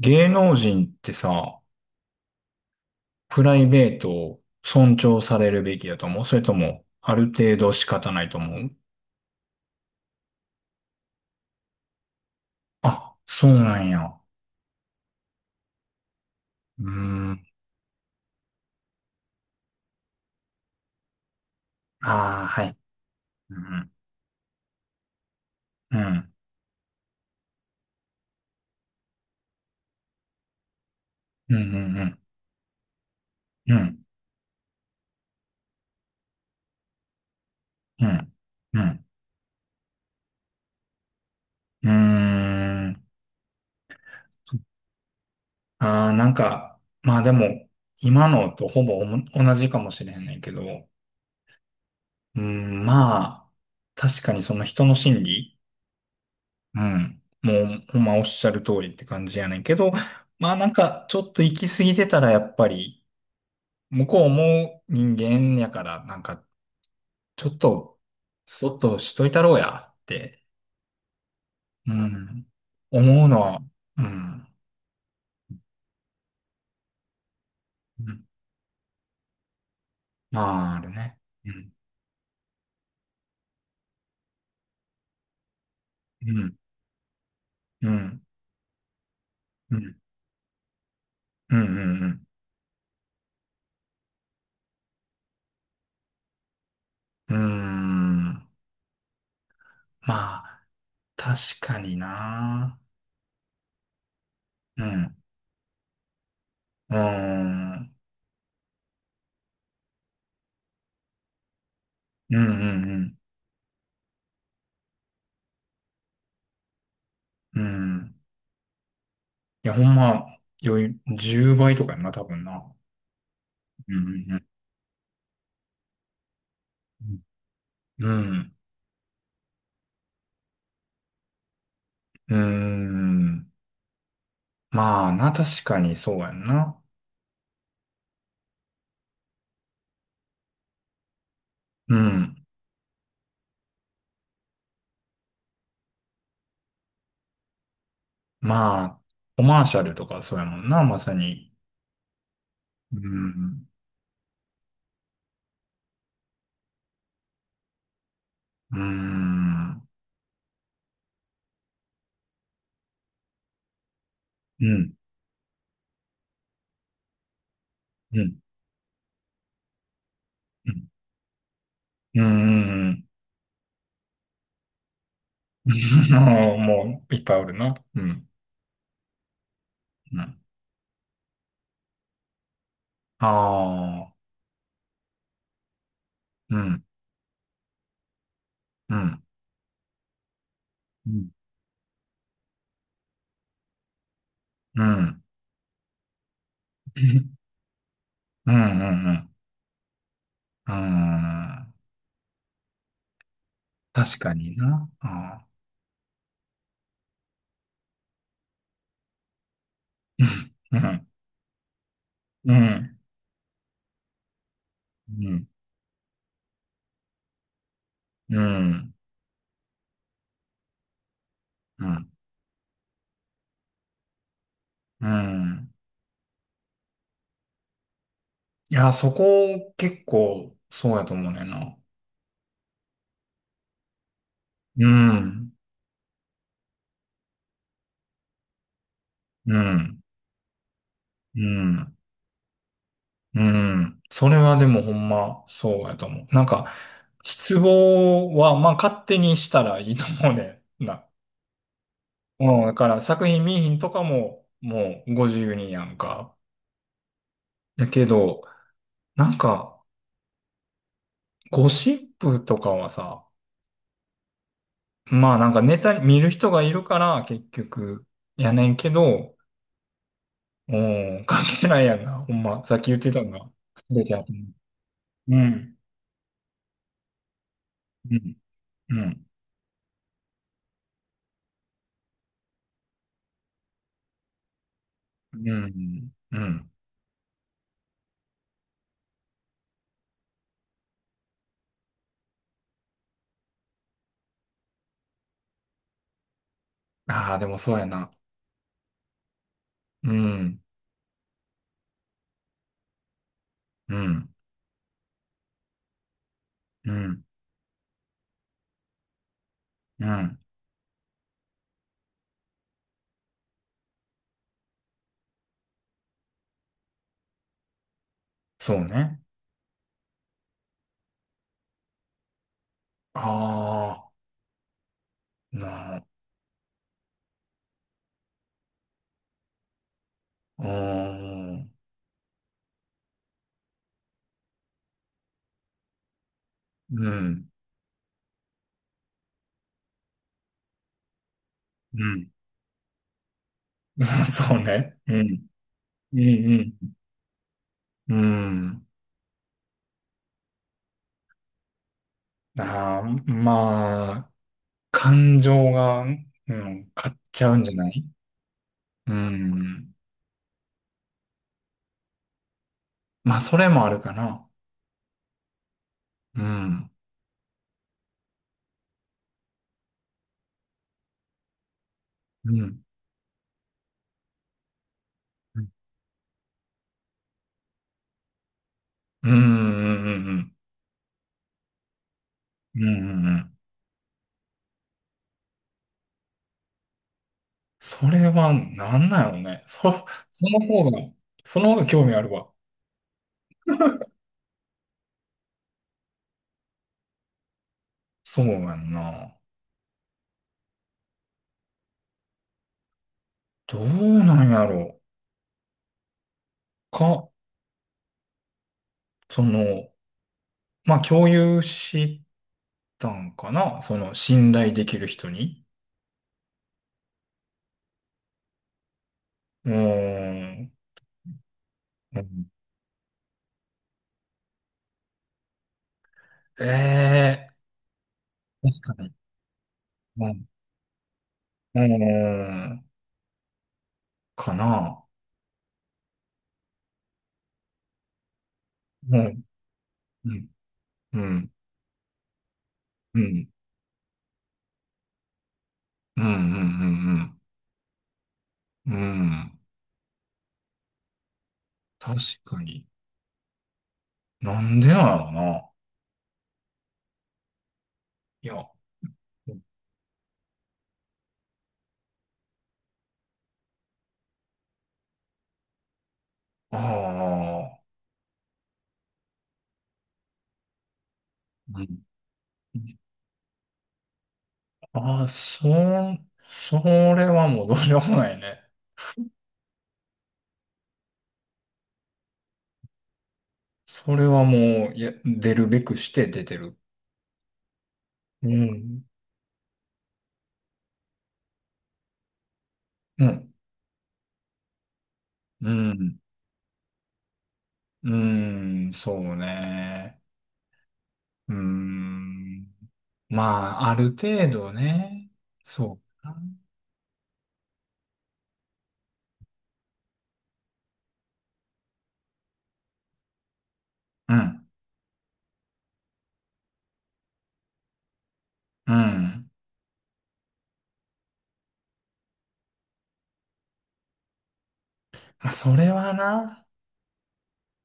芸能人ってさ、プライベートを尊重されるべきだと思う？それとも、ある程度仕方ないと思う？あ、そうなんや。うーん。ああ、はい。うん。うん。うん。うん。うん。うん。うん。うん。うーん。ああ、なんか、まあでも、今のとほぼおも同じかもしれへんねんけど、うーん、まあ、確かにその人の心理、うん。もう、ほんまおっしゃる通りって感じやねんけど、まあなんかちょっと行き過ぎてたらやっぱり、向こうも人間やから、なんかちょっと、そっとしといたろうやって、うん、思うのは、うん、うん。まああるね。うん、うん、うん、うん、うん、うん、うん、うーん。まあ、確かにな。うん、うーん、うん、うん、うん。うん。いや、ほんま、余裕、10倍とかやんな、多分な。うん。うん。うん。うん。うーん。まあな、確かにそうやんな。うん。まあ、コマーシャルとかそうやもんな、まさに。うん。うん。うん。うん。うん。うん。 もう、もういっぱいおるな。うん。うん。ああ。うん。うん。うん。うん。うん。うん。うん。うん。確かにな。あ、うん、うん、うん、うん、うん、うん。いや、そこ結構そうやと思うねんな。うん、うん、うん、うん。それはでもほんまそうやと思う。なんか、失望はまあ勝手にしたらいいと思うねんな。うん、だから作品見えひんとかももうご自由にやんか。だけど、なんか、ゴシップとかはさ、まあなんかネタ見る人がいるから結局やねんけど、うん、関係ないやんな。ほんま、さっき言ってたのが全てやと思う。うん。うん。うん。うん。うん。ああ、でもそうやな。うん。うん。うん。うん。そうね。ああ、なあ。うーん。うん。うん。そうね。うん。うん。うん。うん。ああ、まあ。感情が、うん、買っちゃうんじゃない？うん。まあ、それもあるかな。うん。うん。うん。うん。うん。うん。うん。うん。うん。それは、なんなのね。そ、その方が、その方が興味あるわ。そうやんな。どうなんやろう。か、その、まあ、共有したんかな。その、信頼できる人に。うーん。うん、ええー、確かに。うん。うーん。かな。うん。うん。うん。うん。うん。うん。うん。うん。うん。確かに。なんでなのな。いや。ああ。うん。ああ、そ、それはもうどうしようもないね。それはもう、いや、出るべくして出てる。うん。うん。うん。うん。そうね。うん。まあ、ある程度ね。そうかな。うん。うん。まあ、それはな。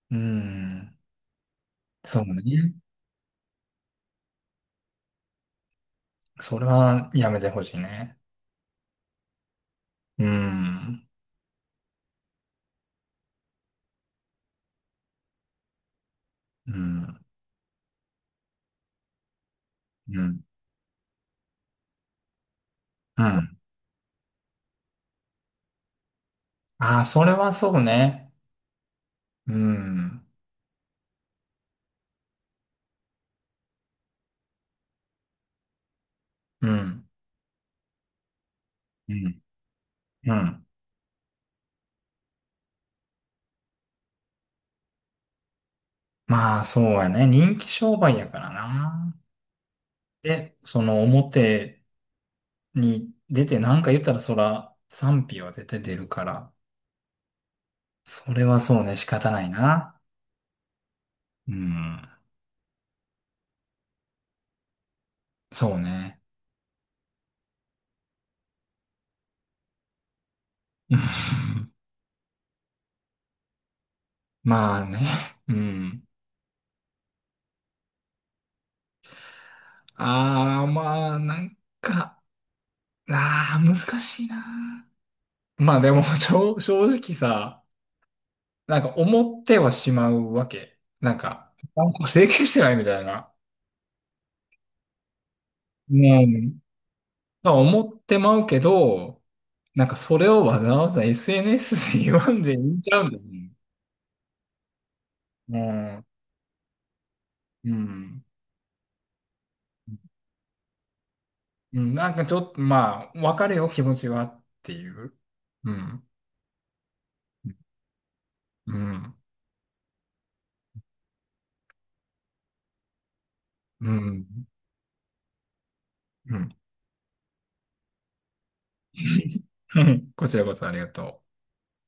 うん。そうね。それはやめてほしいね。うん。うん。うん。うん。ああ、それはそうね。うん。うん。うん。うん。まあ、そうやね。人気商売やからな。で、その表に出てなんか言ったらそら賛否は出て出るから。それはそうね。仕方ないな。うん。そうね。うん。 まあね。うん。ああ、まあ、なんか、ああ、難しいな。まあでも、ちょ正直さ、なんか思ってはしまうわけ。なんか、なんか整形してないみたいな。うん。まあ思ってまうけど、なんかそれをわざわざ SNS で言わんでいいんちゃうんだよね。うん。うん。うん。なんかちょっと、まあ、わかるよ、気持ちはっていう。うん。うん。うん。うん。こちらこそありがとう。